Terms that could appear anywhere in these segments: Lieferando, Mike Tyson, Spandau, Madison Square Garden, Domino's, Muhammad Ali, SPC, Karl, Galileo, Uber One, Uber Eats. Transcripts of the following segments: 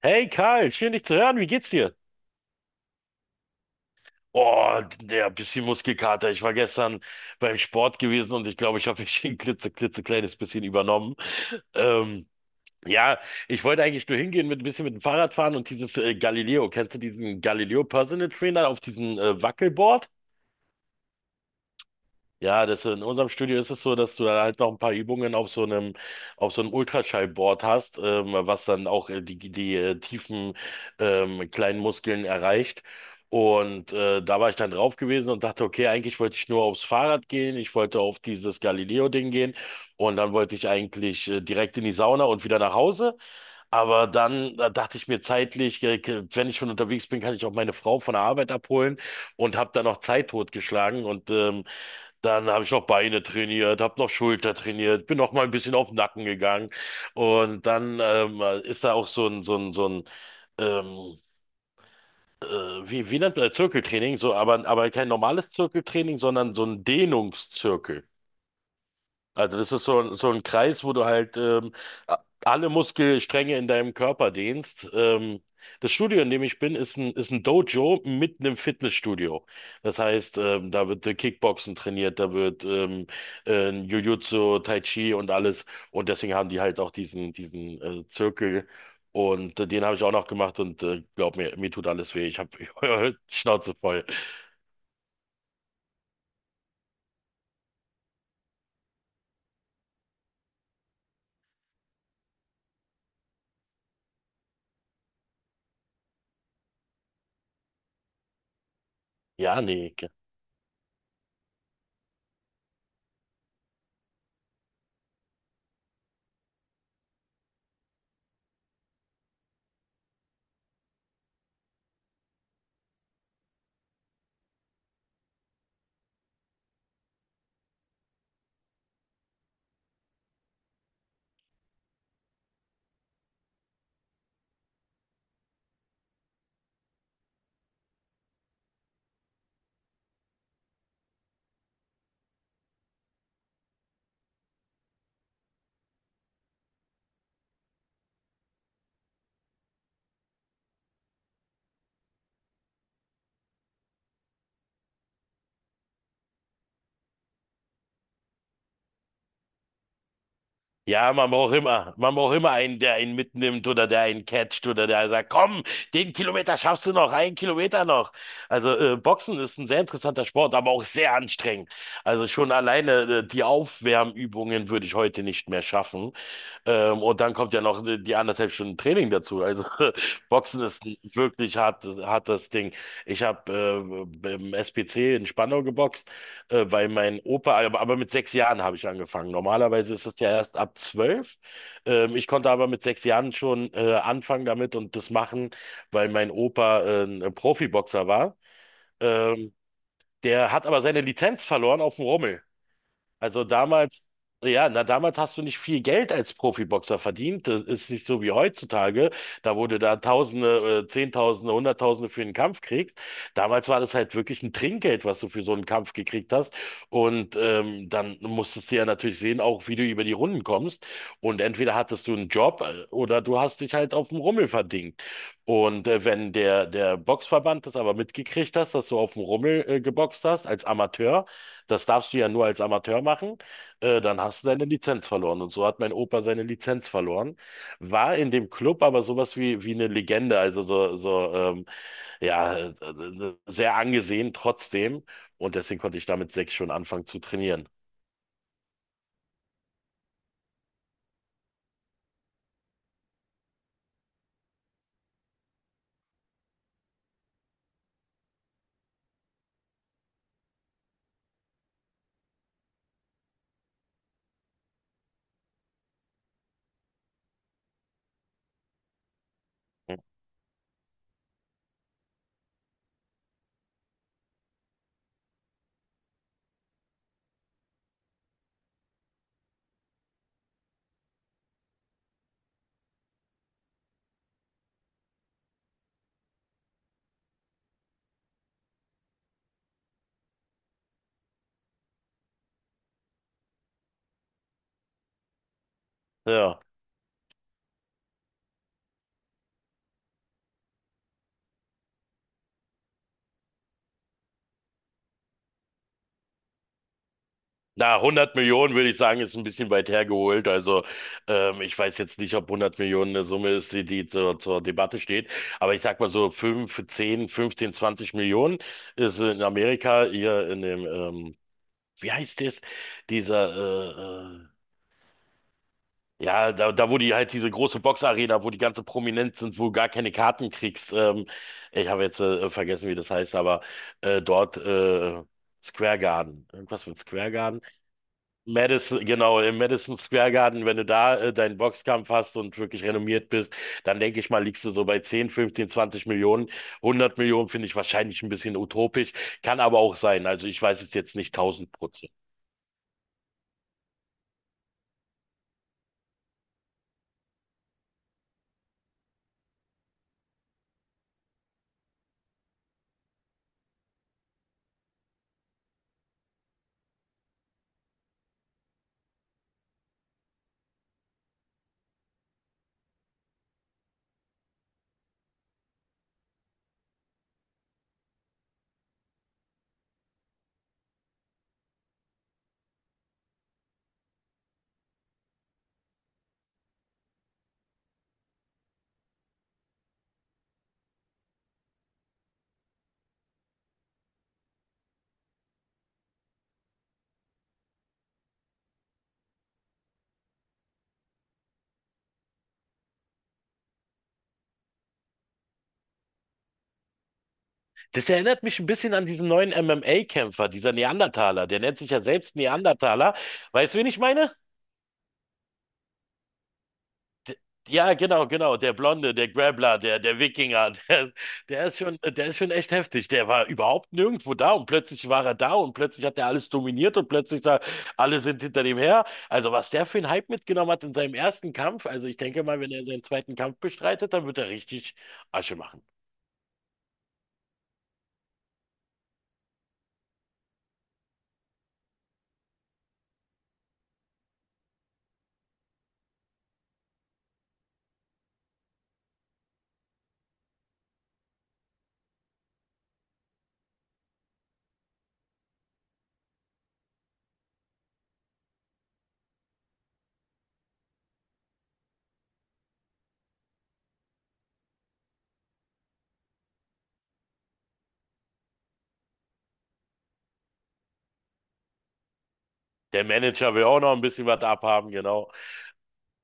Hey Karl, schön dich zu hören. Wie geht's dir? Oh, der bisschen Muskelkater. Ich war gestern beim Sport gewesen und ich glaube, ich habe mich ein klitzekleines bisschen übernommen. Ähm, ja, ich wollte eigentlich nur hingehen mit ein bisschen mit dem Fahrrad fahren und dieses Galileo. Kennst du diesen Galileo Personal Trainer auf diesem Wackelboard? Ja, das in unserem Studio ist es so, dass du dann halt noch ein paar Übungen auf so einem Ultraschallboard hast, was dann auch die tiefen kleinen Muskeln erreicht. Und da war ich dann drauf gewesen und dachte, okay, eigentlich wollte ich nur aufs Fahrrad gehen, ich wollte auf dieses Galileo-Ding gehen und dann wollte ich eigentlich direkt in die Sauna und wieder nach Hause. Aber dann dachte ich mir zeitlich, wenn ich schon unterwegs bin, kann ich auch meine Frau von der Arbeit abholen und habe dann noch Zeit totgeschlagen und dann habe ich noch Beine trainiert, habe noch Schulter trainiert, bin noch mal ein bisschen auf den Nacken gegangen. Und dann ist da auch so ein, so ein, so ein ähm, wie, wie nennt man das? Zirkeltraining, so, aber kein normales Zirkeltraining, sondern so ein Dehnungszirkel. Also das ist so, so ein Kreis, wo du halt alle Muskelstränge in deinem Körper dehnst. Das Studio, in dem ich bin, ist ein Dojo mitten im Fitnessstudio. Das heißt, da wird Kickboxen trainiert, da wird Jiu-Jitsu, Tai Chi und alles. Und deswegen haben die halt auch diesen Zirkel. Und den habe ich auch noch gemacht und glaub mir, mir tut alles weh. Ich habe Schnauze voll. Ja, nee. Ja, man braucht immer einen, der einen mitnimmt oder der einen catcht oder der sagt, komm, den Kilometer schaffst du noch, einen Kilometer noch. Also Boxen ist ein sehr interessanter Sport, aber auch sehr anstrengend. Also schon alleine die Aufwärmübungen würde ich heute nicht mehr schaffen. Und dann kommt ja noch die 1,5 Stunden Training dazu. Also Boxen ist ein wirklich hartes Ding. Ich habe im SPC in Spandau geboxt. Weil mein Opa, aber mit 6 Jahren habe ich angefangen. Normalerweise ist es ja erst ab zwölf. Ich konnte aber mit sechs Jahren schon anfangen damit und das machen, weil mein Opa ein Profiboxer war. Ähm, der hat aber seine Lizenz verloren auf dem Rummel. Also damals, ja, na damals hast du nicht viel Geld als Profiboxer verdient. Das ist nicht so wie heutzutage. Da wurde da Tausende, Zehntausende, Hunderttausende für einen Kampf kriegst. Damals war das halt wirklich ein Trinkgeld, was du für so einen Kampf gekriegt hast. Und dann musstest du ja natürlich sehen, auch wie du über die Runden kommst. Und entweder hattest du einen Job oder du hast dich halt auf dem Rummel verdingt. Und wenn der Boxverband das aber mitgekriegt hast, dass du auf dem Rummel geboxt hast als Amateur, das darfst du ja nur als Amateur machen, dann hast du deine Lizenz verloren. Und so hat mein Opa seine Lizenz verloren, war in dem Club aber sowas wie, wie eine Legende, sehr angesehen trotzdem. Und deswegen konnte ich damit sechs schon anfangen zu trainieren. Hm. Ja. Na, 100 Millionen würde ich sagen, ist ein bisschen weit hergeholt. Also ich weiß jetzt nicht, ob 100 Millionen eine Summe ist, die zur Debatte steht. Aber ich sag mal so 5, 10, 15, 20 Millionen ist in Amerika hier in dem, wie heißt das? Dieser, äh, äh, da wo die halt diese große Boxarena, wo die ganze Prominenz sind, wo du gar keine Karten kriegst. Ich habe jetzt vergessen, wie das heißt, aber dort Square Garden. Irgendwas mit Square Madison, genau, im Madison Square Garden, wenn du da deinen Boxkampf hast und wirklich renommiert bist, dann denke ich mal, liegst du so bei 10, 15, 20 Millionen. 100 Millionen finde ich wahrscheinlich ein bisschen utopisch, kann aber auch sein. Also ich weiß es jetzt nicht 1000%. Das erinnert mich ein bisschen an diesen neuen MMA-Kämpfer, dieser Neandertaler. Der nennt sich ja selbst Neandertaler. Weißt du, wen ich meine? D- Ja, genau. Der Blonde, der Grappler, der Wikinger, der, der ist schon echt heftig. Der war überhaupt nirgendwo da und plötzlich war er da und plötzlich hat er alles dominiert und plötzlich da, alle sind hinter dem her. Also was der für einen Hype mitgenommen hat in seinem ersten Kampf, also ich denke mal, wenn er seinen zweiten Kampf bestreitet, dann wird er richtig Asche machen. Der Manager will auch noch ein bisschen was abhaben, genau.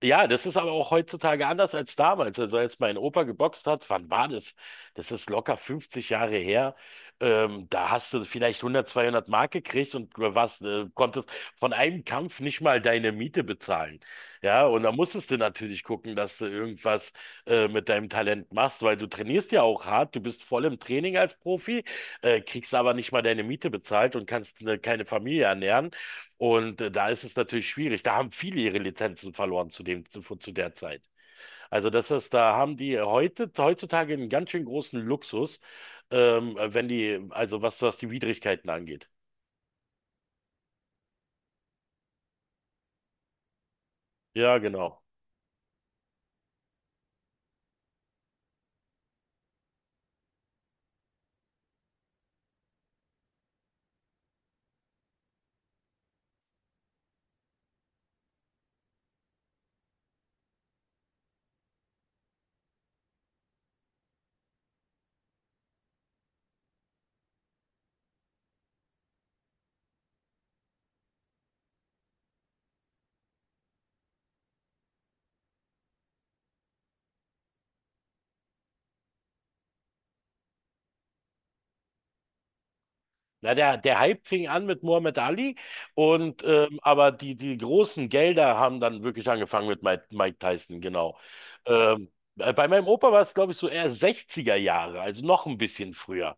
Ja, das ist aber auch heutzutage anders als damals. Also als mein Opa geboxt hat, wann war das? Das ist locker 50 Jahre her. Da hast du vielleicht 100, 200 Mark gekriegt und was, konntest von einem Kampf nicht mal deine Miete bezahlen. Ja, und da musstest du natürlich gucken, dass du irgendwas mit deinem Talent machst, weil du trainierst ja auch hart, du bist voll im Training als Profi, kriegst aber nicht mal deine Miete bezahlt und kannst ne, keine Familie ernähren. Und da ist es natürlich schwierig. Da haben viele ihre Lizenzen verloren zu der Zeit. Also das ist, da haben die heutzutage einen ganz schön großen Luxus, wenn die, also was die Widrigkeiten angeht. Ja, genau. Na, der Hype fing an mit Muhammad Ali und aber die großen Gelder haben dann wirklich angefangen mit Mike Tyson, genau. Ähm, bei meinem Opa war es, glaube ich, so eher 60er Jahre, also noch ein bisschen früher.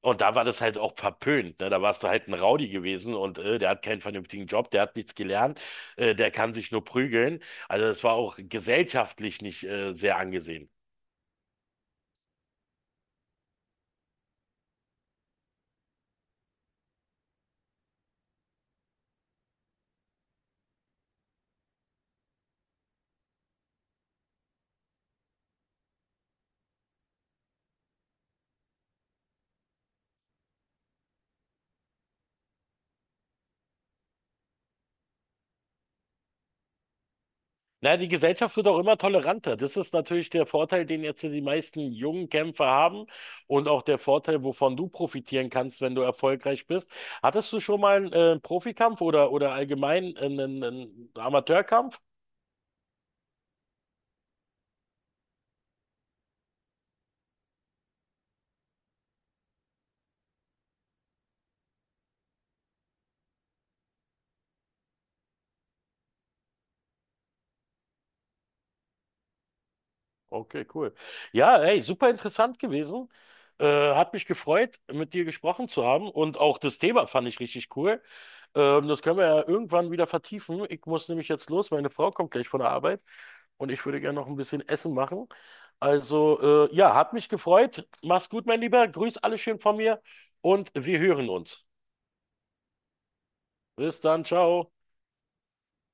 Und da war das halt auch verpönt, ne? Da warst du halt ein Rowdy gewesen und der hat keinen vernünftigen Job, der hat nichts gelernt, der kann sich nur prügeln. Also das war auch gesellschaftlich nicht sehr angesehen. Naja, die Gesellschaft wird auch immer toleranter. Das ist natürlich der Vorteil, den jetzt die meisten jungen Kämpfer haben und auch der Vorteil, wovon du profitieren kannst, wenn du erfolgreich bist. Hattest du schon mal einen Profikampf oder allgemein einen Amateurkampf? Okay, cool. Ja, ey, super interessant gewesen. Äh, hat mich gefreut, mit dir gesprochen zu haben und auch das Thema fand ich richtig cool. Das können wir ja irgendwann wieder vertiefen. Ich muss nämlich jetzt los, meine Frau kommt gleich von der Arbeit und ich würde gerne noch ein bisschen Essen machen. Also, ja, hat mich gefreut. Mach's gut, mein Lieber. Grüß alle schön von mir und wir hören uns. Bis dann, ciao.